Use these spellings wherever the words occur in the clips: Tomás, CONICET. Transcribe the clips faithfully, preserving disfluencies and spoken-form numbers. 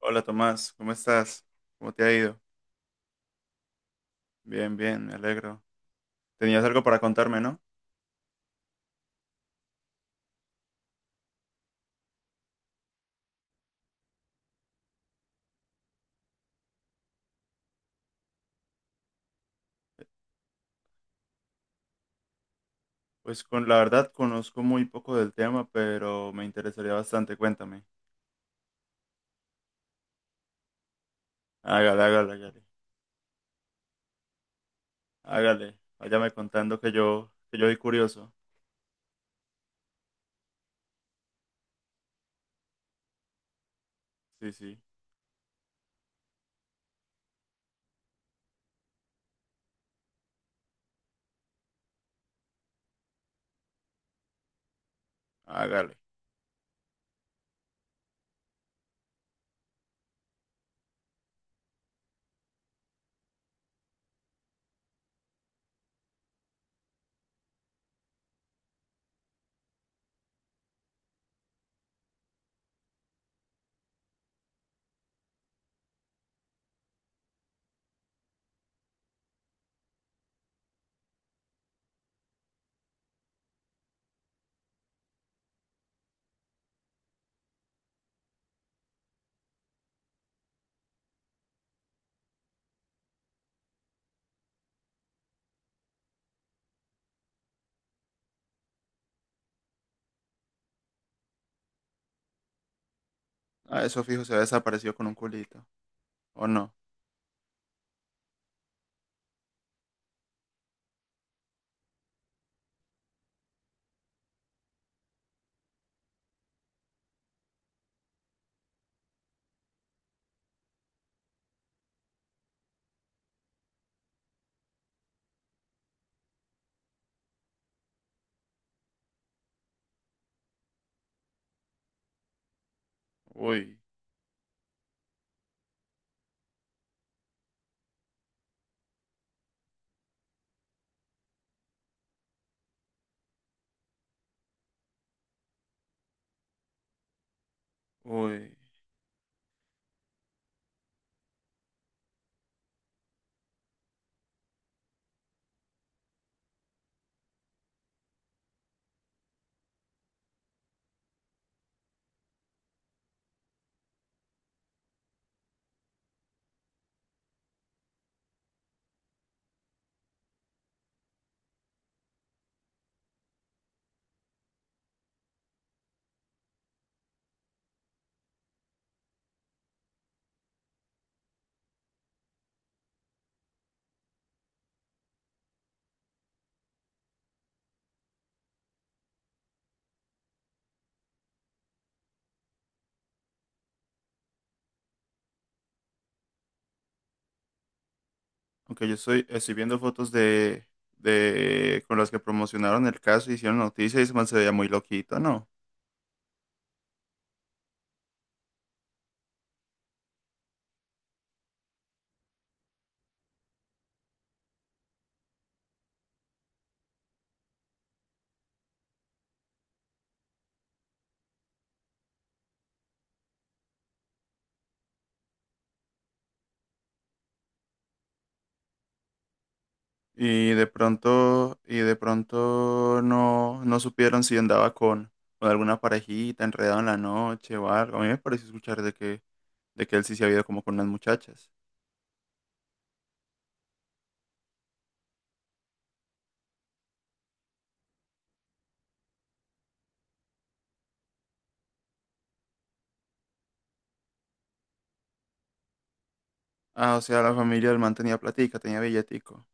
Hola Tomás, ¿cómo estás? ¿Cómo te ha ido? Bien, bien, me alegro. Tenías algo para contarme, ¿no? Pues con la verdad conozco muy poco del tema, pero me interesaría bastante, cuéntame. Hágale, hágale, hágale. Hágale. Váyame contando que yo, que yo soy curioso. Sí, sí. Hágale. Ah, eso fijo se ha desaparecido con un culito. ¿O no? Uy, uy. Aunque yo estoy, estoy viendo fotos de, de con las que promocionaron el caso, hicieron noticias y se me se veía muy loquito, ¿no? Y de pronto, y de pronto no, no supieron si andaba con, con alguna parejita enredado en la noche o algo. A mí me pareció escuchar de que, de que él sí se había ido como con unas muchachas. Ah, o sea, la familia del man tenía platica, tenía billetico.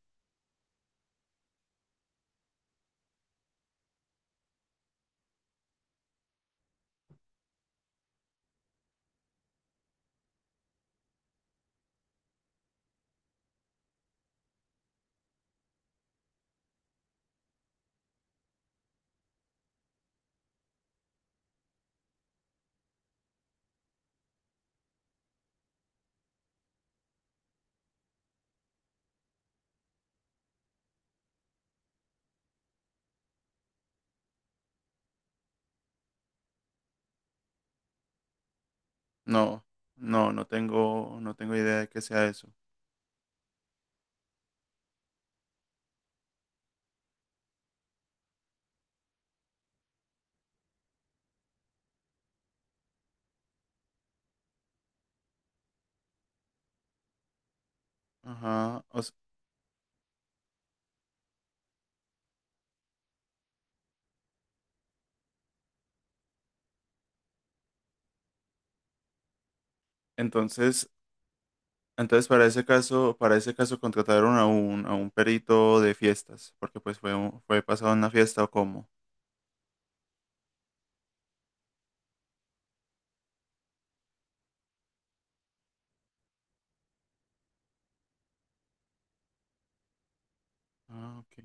No, no, no tengo, no tengo idea de que sea eso. Ajá. o s- entonces, entonces para ese caso, para ese caso contrataron a un, a un perito de fiestas, porque pues fue, un- fue pasado en una fiesta o cómo. Ah, ok.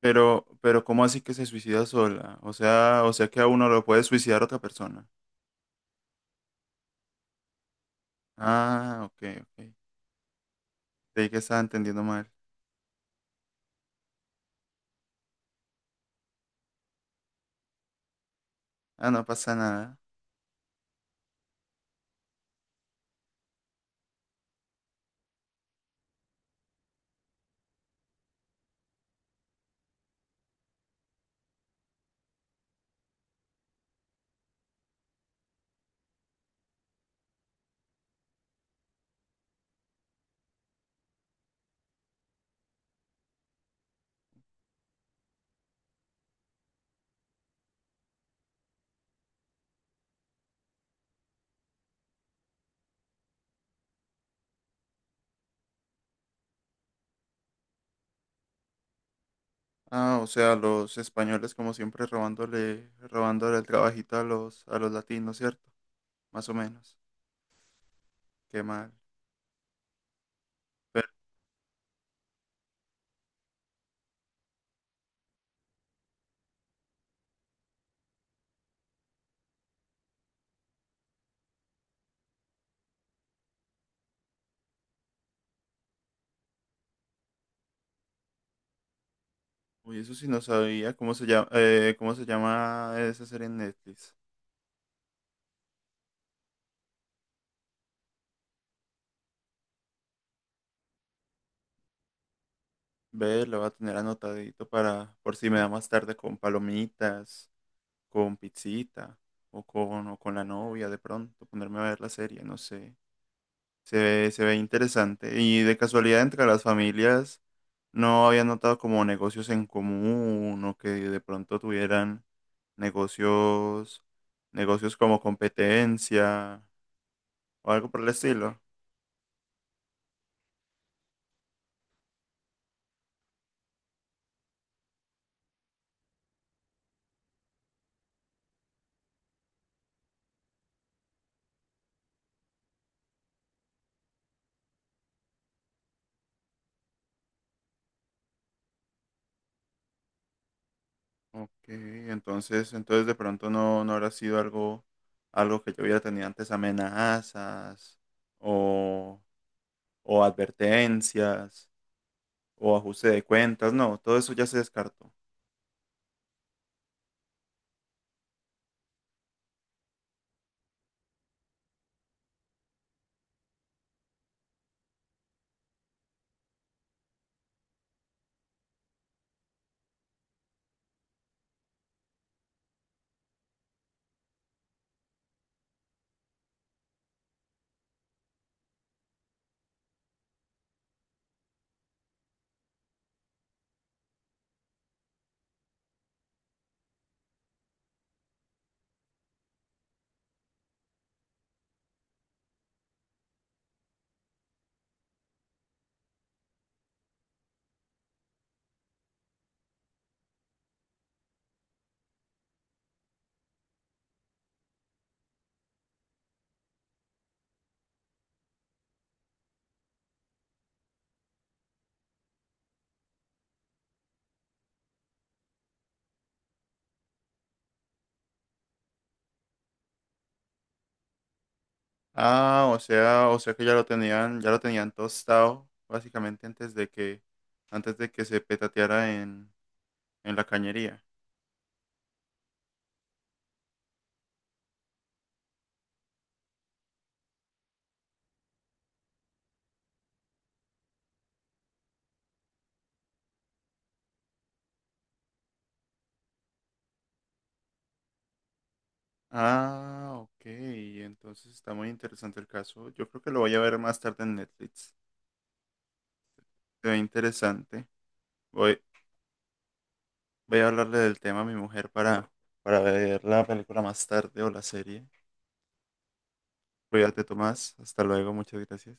Pero, pero ¿cómo así que se suicida sola? O sea, o sea que a uno lo puede suicidar otra persona. Ah, ok, ok. Creí que estaba entendiendo mal. Ah, no pasa nada. Ah, o sea, los españoles como siempre robándole, robándole el trabajito a los, a los latinos, ¿cierto? Más o menos. Qué mal. Pero, uy, eso sí no sabía cómo se llama, eh, cómo se llama esa serie en Netflix. Ve, lo voy a tener anotadito para, por si me da más tarde con palomitas, con Pizzita o con, o con la novia de pronto, ponerme a ver la serie, no sé. Se ve, se ve interesante. Y de casualidad entre las familias no había notado como negocios en común o que de pronto tuvieran negocios, negocios como competencia o algo por el estilo. Ok, entonces, entonces de pronto no, no habrá sido algo, algo que yo hubiera tenido antes amenazas o, o advertencias, o ajuste de cuentas, no, todo eso ya se descartó. Ah, o sea, o sea que ya lo tenían, ya lo tenían tostado, básicamente antes de que, antes de que se petateara en, en la cañería. Ah, ok, entonces está muy interesante el caso. Yo creo que lo voy a ver más tarde en Netflix. Se ve interesante. Voy, voy a hablarle del tema a mi mujer para, para ver la película más tarde o la serie. Cuídate, Tomás. Hasta luego, muchas gracias.